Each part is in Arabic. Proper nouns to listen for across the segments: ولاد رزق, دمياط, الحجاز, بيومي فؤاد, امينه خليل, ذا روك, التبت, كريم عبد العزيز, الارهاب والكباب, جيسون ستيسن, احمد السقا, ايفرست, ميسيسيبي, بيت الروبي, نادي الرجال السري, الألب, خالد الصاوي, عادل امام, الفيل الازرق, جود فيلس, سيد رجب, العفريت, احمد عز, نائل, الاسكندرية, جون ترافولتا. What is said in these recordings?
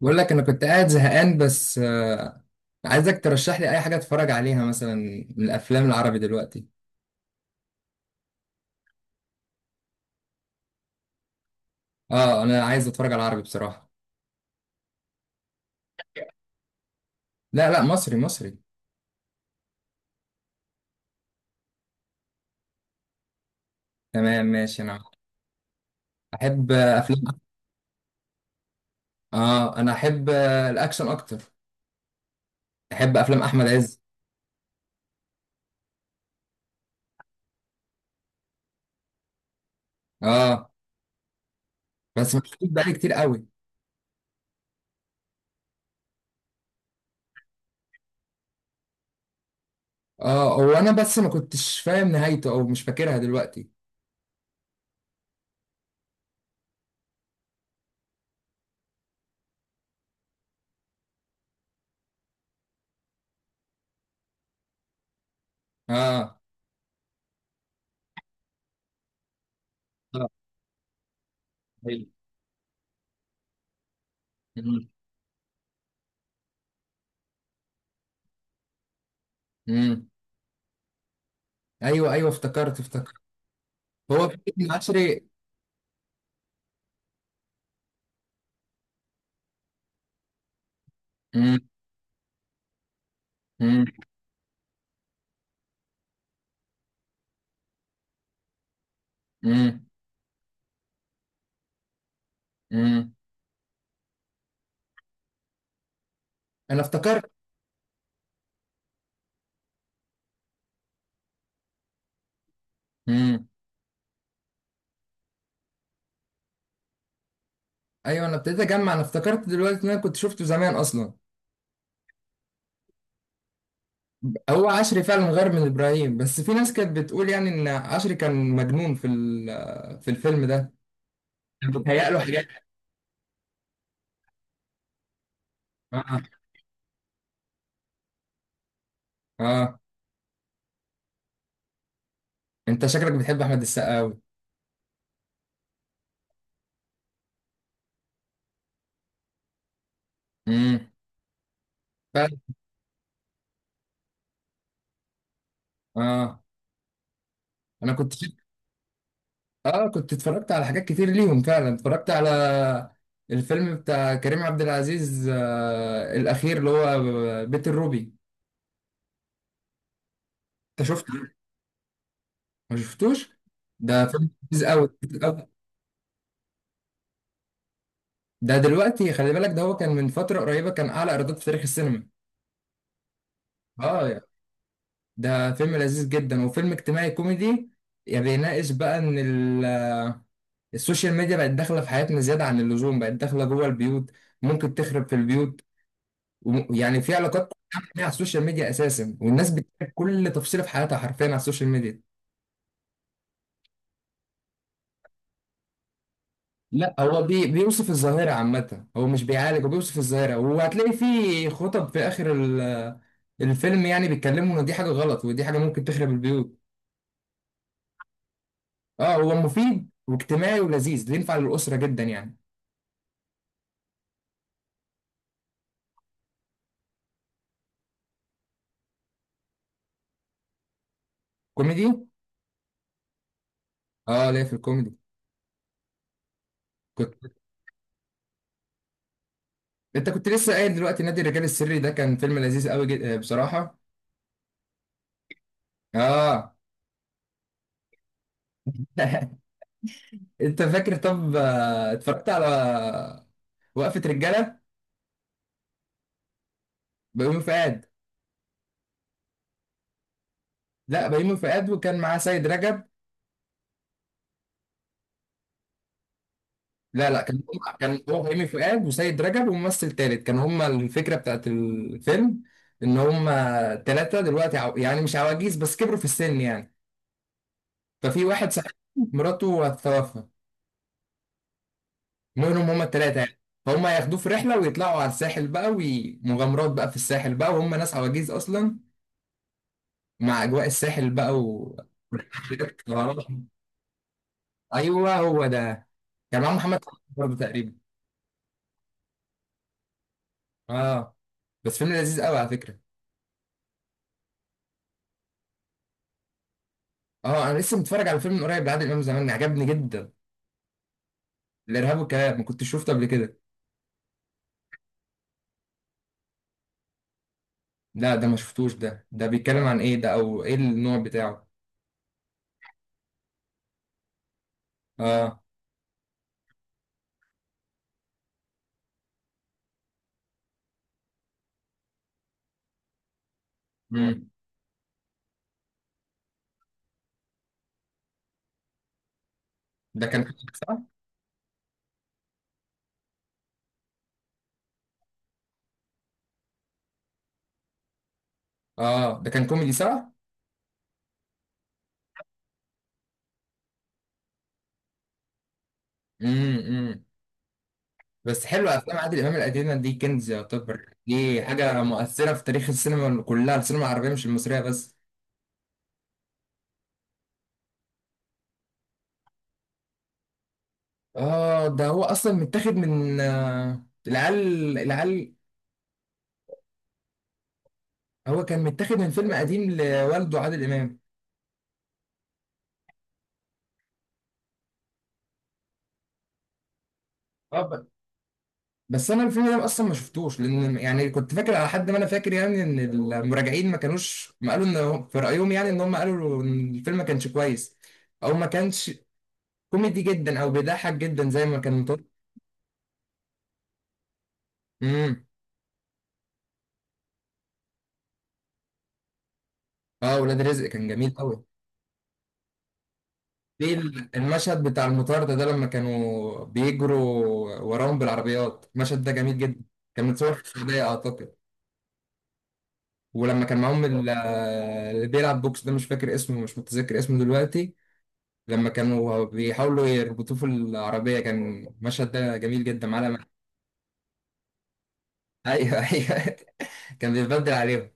بقول لك انا كنت قاعد زهقان بس عايزك ترشح لي اي حاجه اتفرج عليها مثلا من الافلام العربي دلوقتي. اه، انا عايز اتفرج على العربي بصراحه. لا لا، مصري مصري. تمام، ماشي. انا احب افلام. اه، انا احب الاكشن اكتر. احب افلام احمد عز. اه، بس مش بقالي كتير قوي. اه، هو انا بس ما كنتش فاهم نهايته او مش فاكرها دلوقتي. اه. اه. ايوه. مم. مم. ايوه ايوه، افتكرت افتكرت. هو في ابن عشري. مم. مم. مم. امم. انا افتكرت. امم. ايوه، انا ابتديت اجمع. انا افتكرت دلوقتي ان انا كنت شفته زمان اصلا. هو عشري فعلا غير من ابراهيم، بس في ناس كانت بتقول يعني ان عشري كان مجنون في الفيلم ده. كان بيتهيأ له حاجات. اه. اه. آه. انت شكلك بتحب احمد السقا قوي. امم. فعلا. اه. انا كنت شك... اه، كنت اتفرجت على حاجات كتير ليهم فعلا. اتفرجت على الفيلم بتاع كريم عبد العزيز الاخير اللي هو بيت الروبي. انت شفته؟ ما شفتوش. ده فيلم لذيذ قوي، لذيذ قوي. ده دلوقتي خلي بالك، ده هو كان من فترة قريبة كان أعلى إيرادات في تاريخ السينما. اه. ده فيلم لذيذ جدا وفيلم اجتماعي كوميدي. يعني بيناقش بقى ال- السوشيال ميديا بقت داخلة في حياتنا زيادة عن اللزوم، بقت داخلة جوه البيوت. ممكن تخرب في البيوت، ويعني في علاقات بتتعمل على السوشيال ميديا أساسا، والناس بتشارك كل تفصيلة في حياتها حرفيا على السوشيال ميديا. لا، هو بيوصف الظاهرة عامة. هو مش بيعالج، هو بيوصف الظاهرة. وهتلاقي في خطب في آخر الفيلم يعني بيتكلموا إن دي حاجة غلط ودي حاجة ممكن تخرب البيوت. اه، هو مفيد واجتماعي ولذيذ، ينفع للأسرة جدا يعني. كوميدي. اه، ليه في الكوميدي؟ كنت. انت كنت لسه قايل دلوقتي نادي الرجال السري ده كان فيلم لذيذ قوي جدا بصراحة. اه. انت فاكر؟ طب اتفرجت على وقفة رجالة. بيومي فؤاد. لا، بيومي فؤاد وكان معاه سيد رجب. لا لا، كان هو هيمي فؤاد وسيد رجب وممثل تالت. كان هما الفكرة بتاعت الفيلم ان هما تلاتة دلوقتي يعني مش عواجيز، بس كبروا في السن يعني. ففي واحد صاحبهم مراته هتتوفى. منهم هما التلاتة يعني. فهم هياخدوه في رحلة ويطلعوا على الساحل بقى، ومغامرات بقى في الساحل بقى وهم ناس عواجيز أصلا، مع أجواء الساحل بقى أيوه، هو ده. كان معاه محمد برضه تقريبا. اه، بس فيلم لذيذ قوي على فكرة. اه، انا لسه متفرج على فيلم من قريب لعادل امام زمان، عجبني جدا. الارهاب والكباب، ما كنتش شفته قبل كده. لا، ده ما شفتوش. ده بيتكلم عن ايه ده، او ايه النوع بتاعه؟ اه. امم. ده كان كوميدي، صح؟ اه، ده كان كوميدي، صح؟ امم. بس حلو افلام عادل امام القديمه دي، كنز يعتبر. دي حاجه مؤثره في تاريخ السينما كلها، السينما العربيه مش المصريه بس. اه، ده هو اصلا متاخد من العيال العيال. هو كان متاخد من فيلم قديم لوالده عادل امام. اه، بس انا الفيلم ده اصلا ما شفتوش، لان يعني كنت فاكر على حد ما انا فاكر يعني ان المراجعين ما كانوش ما قالوا في رايهم يعني ان هم قالوا ان الفيلم ما كانش كويس، او ما كانش كوميدي جدا او بيضحك جدا زي ما كان مطلوب. امم. اه، ولاد رزق كان جميل قوي. المشهد بتاع المطار ده، لما كانوا بيجروا وراهم بالعربيات المشهد ده جميل جدا. كان متصور في السعوديه اعتقد. ولما كان معاهم اللي بيلعب بوكس ده مش فاكر اسمه، مش متذكر اسمه دلوقتي. لما كانوا بيحاولوا يربطوه في العربية كان المشهد ده جميل جدا على ما. ايوه ايوه. كان بيتبدل عليهم.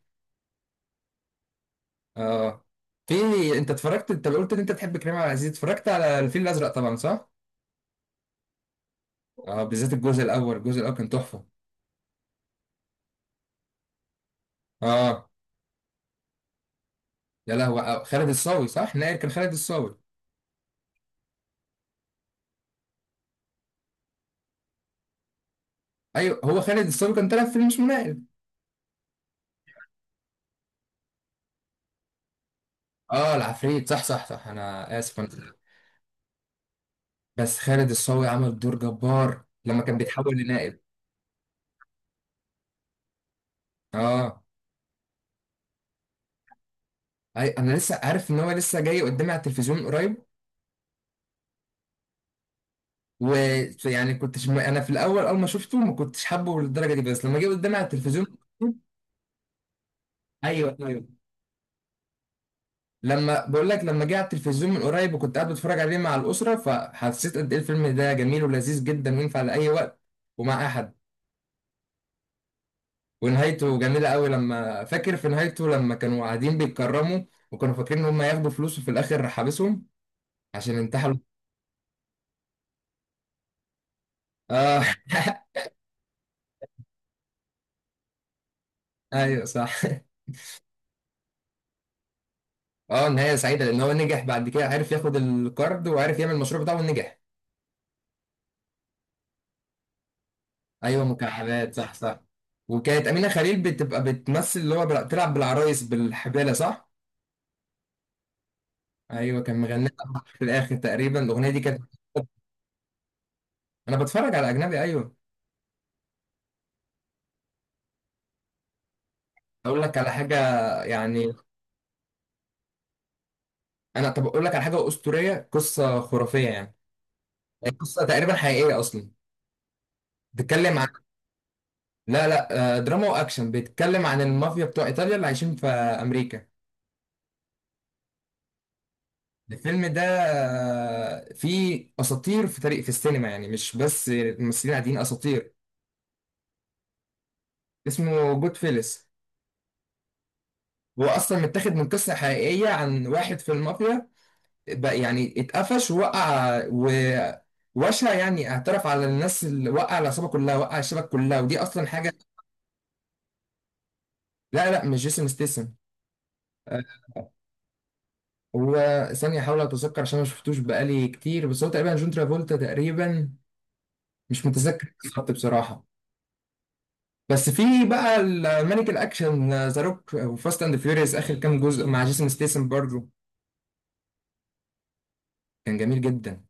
اه. في. انت قلت ان انت تحب كريم عبد العزيز، اتفرجت على الفيل الازرق طبعا، صح؟ اه، بالذات الجزء الاول. الجزء الاول كان تحفة. اه. يا لهوي، خالد الصاوي، صح؟ نائل كان خالد الصاوي. ايوه، هو خالد الصاوي كان طالع في فيلم اسمه نائل. اه، العفريت، صح صح صح. انا اسف. بس خالد الصاوي عمل دور جبار لما كان بيتحول لنائل. اه، أي، انا لسه عارف ان هو لسه جاي قدامي على التلفزيون من قريب. ويعني انا في الاول اول ما شفته ما كنتش حابه للدرجه دي، بس لما جه قدامي على التلفزيون. ايوه ايوه. لما بقول لك، لما جه على التلفزيون من قريب وكنت قاعد بتفرج عليه مع الاسره، فحسيت قد ايه الفيلم ده جميل ولذيذ جدا وينفع لاي وقت ومع اي حد. ونهايته جميله قوي. لما فاكر في نهايته لما كانوا قاعدين بيتكرموا وكانوا فاكرين ان هم ياخدوا فلوس وفي الاخر حابسهم عشان انتحلوا. اه. ايوه صح. اه، نهايه سعيده لان هو نجح بعد كده، عرف ياخد الكارد وعرف يعمل المشروع بتاعه ونجح. ايوه مكعبات، صح صح. وكانت امينه خليل بتبقى بتمثل اللي هو بتلعب بالعرايس بالحباله، صح. ايوه، كان مغنيها في الاخر تقريبا الاغنيه دي كانت. انا بتفرج على اجنبي، ايوه. اقول لك على حاجه يعني. طب اقول لك على حاجه اسطوريه، قصه خرافيه يعني. هي قصه تقريبا حقيقيه اصلا. بتتكلم عن. لا لا، دراما واكشن. بيتكلم عن المافيا بتوع ايطاليا اللي عايشين في امريكا. الفيلم ده فيه اساطير في تاريخ في السينما، يعني مش بس ممثلين عاديين، اساطير. اسمه جود فيلس. هو اصلا متاخد من قصه حقيقيه عن واحد في المافيا بقى، يعني اتقفش ووقع ووشى يعني، اعترف على الناس، اللي وقع العصابه كلها، وقع الشبكه كلها، ودي اصلا حاجه. لا لا، مش جيسون ستيسن. آه، هو ثانية أحاول أتذكر عشان ما شفتوش بقالي كتير، بس هو تقريبا جون ترافولتا تقريبا. مش متذكر بالظبط بصراحة. بس في بقى المانيك الاكشن ذا روك وفاست اند فيوريوس اخر كام جزء مع جيسون ستيسن برضه. كان جميل جدا.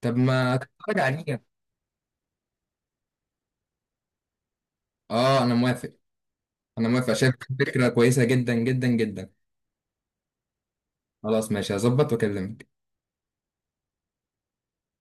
طب ما تتفرج عليه. اه، انا موافق. انا موافق، شايف فكره كويسه جدا جدا جدا. خلاص ماشي، هظبط واكلمك.